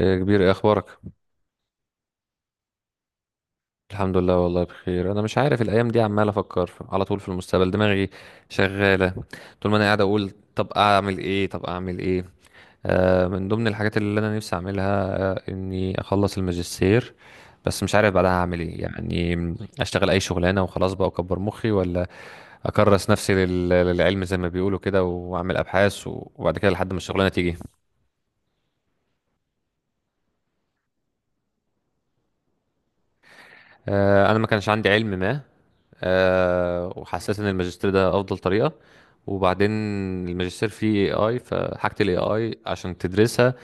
إيه كبير، إيه اخبارك؟ الحمد لله، والله بخير. انا مش عارف، الايام دي عمال افكر على طول في المستقبل، دماغي شغاله. طول ما انا قاعد اقول طب اعمل ايه، طب اعمل ايه. من ضمن الحاجات اللي انا نفسي اعملها، اني اخلص الماجستير، بس مش عارف بعدها اعمل ايه يعني. اشتغل اي شغلانه وخلاص بقى واكبر مخي، ولا اكرس نفسي للعلم زي ما بيقولوا كده واعمل ابحاث، وبعد كده لحد ما الشغلانه تيجي. انا ما كانش عندي علم ما، وحسيت ان الماجستير ده افضل طريقه. وبعدين الماجستير فيه AI، فحاجه الاي اي عشان تدرسها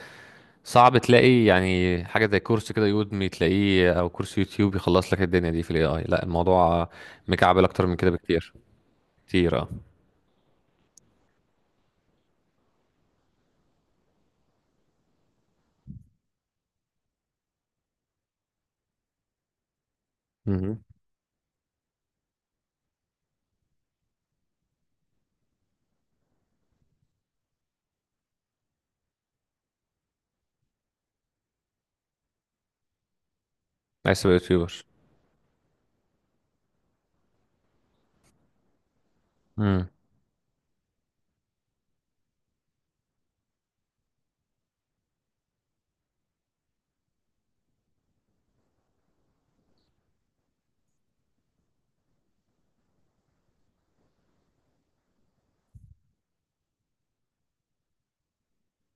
صعب تلاقي يعني حاجه زي كورس كده يودمي تلاقيه، او كورس يوتيوب يخلص لك الدنيا دي في الاي اي. لا الموضوع مكعبل اكتر من كده بكتير. كتير، اه. امم. عايز تبقى يوتيوبر. امم.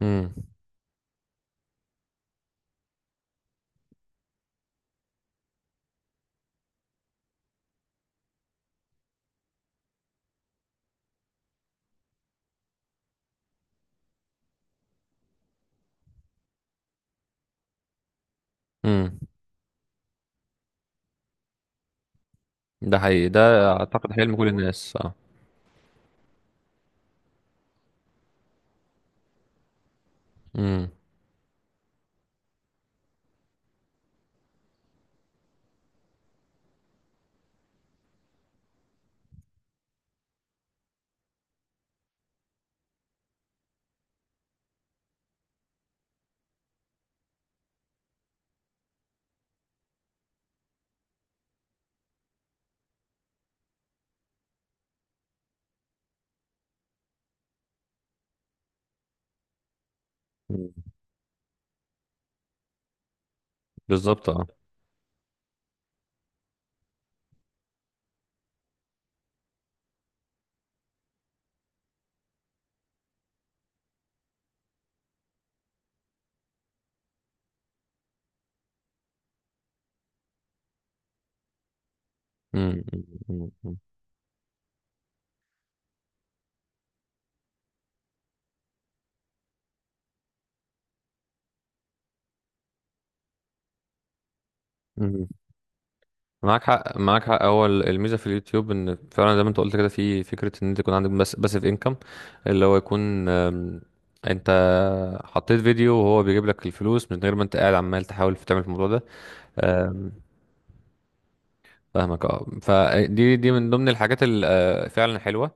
امم. امم. ده حقيقي ده. اعتقد حلم كل الناس، اه. امم. بالظبط، اه. امم. معاك حق، معاك حق. هو الميزه في اليوتيوب ان فعلا زي ما انت قلت كده، في فكره ان انت يكون عندك بس باسيف انكم، اللي هو يكون، انت حطيت فيديو وهو بيجيب لك الفلوس من غير ما انت قاعد عمال تحاول في تعمل في الموضوع ده. أم، فاهمك، اه. فدي من ضمن الحاجات فعلا حلوه.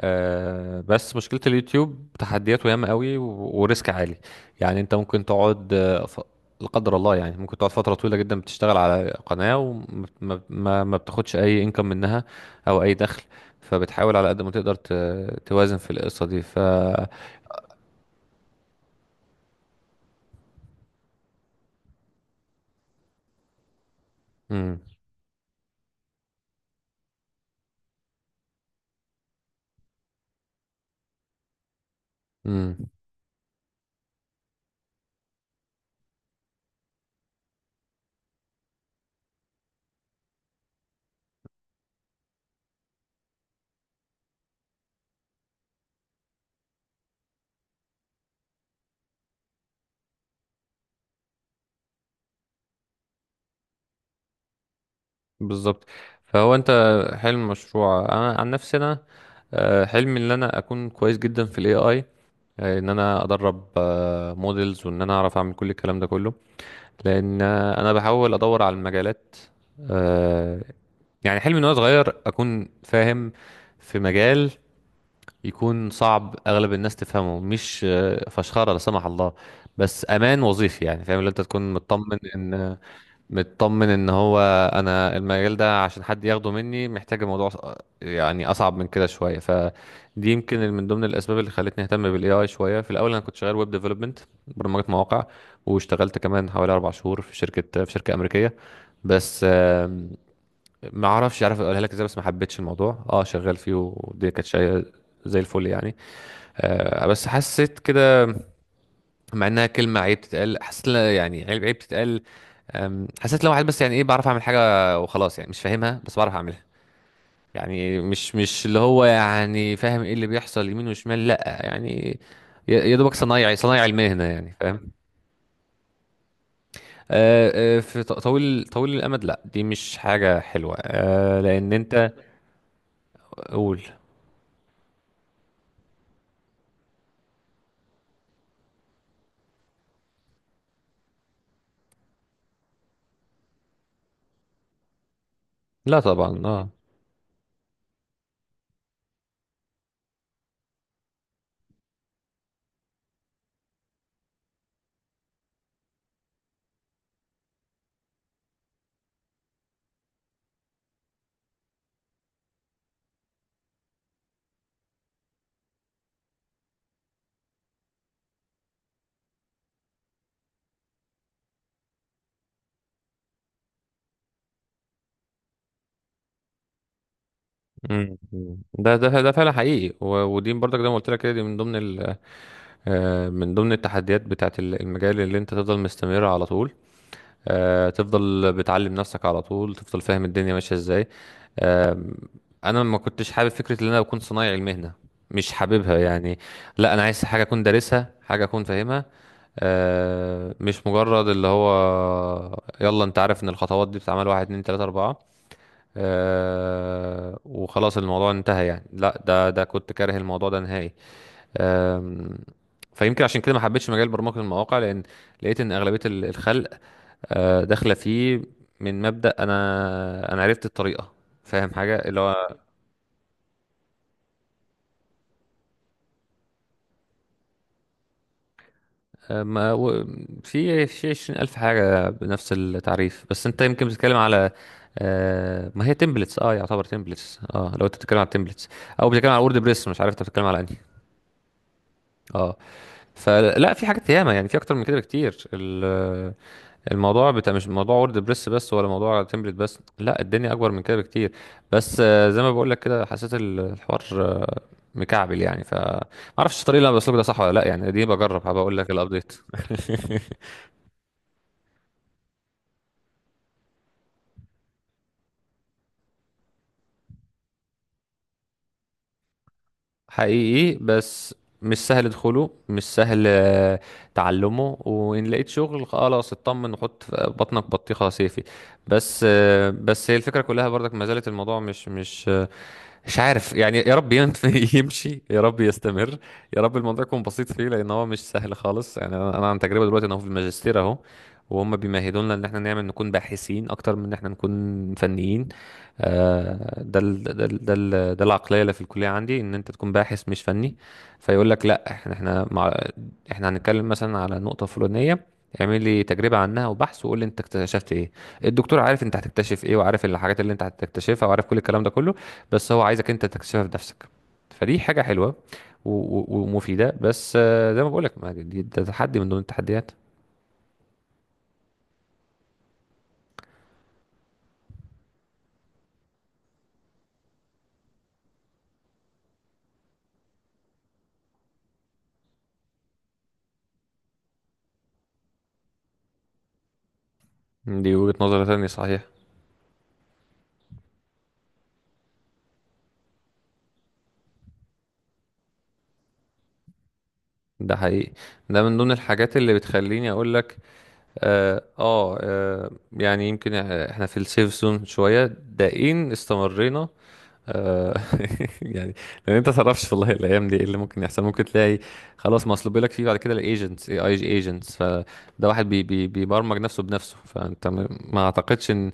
بس مشكلة اليوتيوب تحدياته ياما قوي و- وريسك عالي. يعني انت ممكن تقعد، لا قدر الله، يعني ممكن تقعد فترة طويلة جدا بتشتغل على قناة وما ما ما- ما بتاخدش اي انكم منها، او اي دخل. فبتحاول على قد ما تقدر توازن في القصة دي مم. مم. بالظبط. فهو انت، حلم مشروع، انا عن نفسي انا، حلمي ان انا اكون كويس جدا في الاي اي، ان انا ادرب موديلز، وان انا اعرف اعمل كل الكلام ده كله، لان انا بحاول ادور على المجالات. آه، يعني حلمي ان انا صغير اكون فاهم في مجال يكون صعب اغلب الناس تفهمه. مش فشخره لا سمح الله، بس امان وظيفي يعني. فاهم؟ اللي انت تكون مطمن ان هو انا المجال ده عشان حد ياخده مني محتاج الموضوع، يعني اصعب من كده شويه. فدي يمكن من ضمن الاسباب اللي خلتني اهتم بالاي اي شويه. في الاول انا كنت شغال ويب ديفلوبمنت، برمجه مواقع، واشتغلت كمان حوالي 4 شهور في شركه امريكيه. بس ما اعرفش عارف اقولها لك ازاي، بس ما حبيتش الموضوع اه شغال فيه، ودي كانت شيء زي الفل يعني. بس حسيت كده، مع انها كلمه عيب تتقال، حسيت يعني عيب، عيب تتقال. حسيت لو واحد بس يعني ايه، بعرف اعمل حاجه وخلاص يعني، مش فاهمها بس بعرف اعملها، يعني مش اللي هو يعني فاهم ايه اللي بيحصل يمين وشمال. لا يعني يا دوبك صنايعي المهنه يعني، فاهم. أه، أه، في طويل، طويل الامد لا، دي مش حاجه حلوه، لان انت، قول. لا طبعا، اه. مم. ده فعلا حقيقي، و- ودي برضك زي ما قلت لك كده، دي من ضمن، من ضمن التحديات بتاعت المجال، اللي انت تفضل مستمر على طول، تفضل بتعلم نفسك على طول، تفضل فاهم الدنيا ماشية ازاي. آه، انا ما كنتش حابب فكرة ان انا اكون صنايعي المهنة، مش حاببها يعني. لا انا عايز حاجة اكون دارسها، حاجة اكون فاهمها، مش مجرد اللي هو يلا انت عارف ان الخطوات دي بتتعمل واحد اتنين تلاتة اربعة، وخلاص الموضوع انتهى يعني. لا ده كنت كاره الموضوع ده نهائي. آم، فيمكن عشان كده ما حبيتش مجال برمجة المواقع، لأن لقيت إن أغلبية الخلق داخلة فيه من مبدأ أنا عرفت الطريقة، فاهم حاجة اللي هو، آه، ما و- في 20,000 حاجة بنفس التعريف، بس أنت يمكن بتتكلم على، ما هي تمبلتس اه، يعتبر تمبلتس اه، لو انت بتتكلم على تمبلتس، او بتتكلم على وورد بريس، مش عارف انت بتتكلم على انهي. اه، فلا في حاجات ياما يعني، في اكتر من كده بكتير. الموضوع بتاع مش موضوع وورد بريس بس، ولا موضوع تمبلت بس، لا الدنيا اكبر من كده بكتير. بس زي ما بقول لك كده، حسيت الحوار مكعبل يعني، ف ما اعرفش الطريقه اللي انا بسلكه ده صح ولا لا يعني. دي بجرب، هبقى اقول لك الابديت. حقيقي، بس مش سهل دخوله، مش سهل تعلمه، وإن لقيت شغل خلاص اطمن وحط في بطنك بطيخة صيفي. بس بس هي الفكرة كلها برضك ما زالت الموضوع مش مش عارف يعني. يا رب يمشي، يا رب يستمر، يا رب الموضوع يكون بسيط فيه، لأن هو مش سهل خالص يعني. أنا عن تجربة دلوقتي، أنا هو في الماجستير أهو، وهم بيمهدونا إن احنا نكون باحثين أكتر من إن احنا نكون فنيين. ده العقليه اللي في الكليه عندي، ان انت تكون باحث مش فني. فيقول لك لا، احنا مع، احنا هنتكلم مثلا على نقطه فلانيه، اعمل لي تجربه عنها وبحث وقول لي انت اكتشفت ايه. الدكتور عارف انت هتكتشف ايه، وعارف الحاجات اللي انت هتكتشفها، وعارف كل الكلام ده كله، بس هو عايزك انت تكتشفها بنفسك. فدي حاجه حلوه و- و- ومفيده، بس زي ما بقول لك، ده تحدي من ضمن التحديات. دي وجهه نظر تانية، صحيح. ده حقيقي، ده من ضمن الحاجات اللي بتخليني اقول لك، اه. يعني يمكن احنا في السيف زون شويه ده ان استمرينا، آه يعني. لان انت تعرفش والله الايام دي ايه اللي ممكن يحصل. ممكن تلاقي خلاص مصلوب لك فيه، بعد كده الايجنتس، اي اي ايجنتس، فده واحد بي بي بيبرمج نفسه بنفسه، فانت ما اعتقدش ان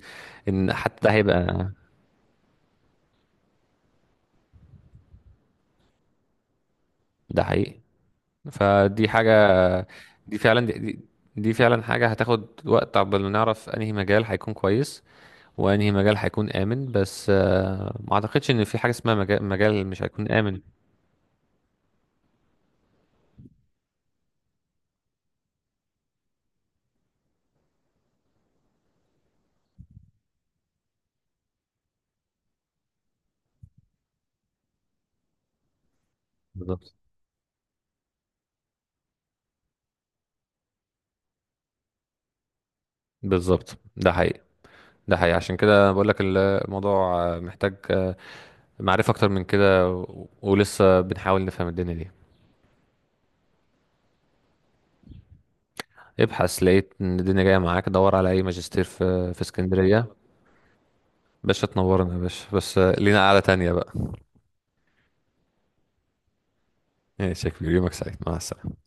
ان حتى ده هيبقى. ده حقيقي، فدي حاجه. دي فعلا، دي فعلا حاجه هتاخد وقت عقبال ما نعرف انهي مجال هيكون كويس، وانهي مجال هيكون امن. بس ما اعتقدش ان في حاجه اسمها مجال مش هيكون امن. بالظبط، بالظبط، ده حقيقي. ده حقيقي، عشان كده بقول لك الموضوع محتاج معرفه اكتر من كده، و- ولسه بنحاول نفهم الدنيا دي. ابحث، لقيت ان الدنيا جايه معاك. دور على اي ماجستير في اسكندريه. باشا تنورنا يا باشا، بس لينا قعده تانية بقى. ماشي يا كبير، يومك سعيد، مع السلامه.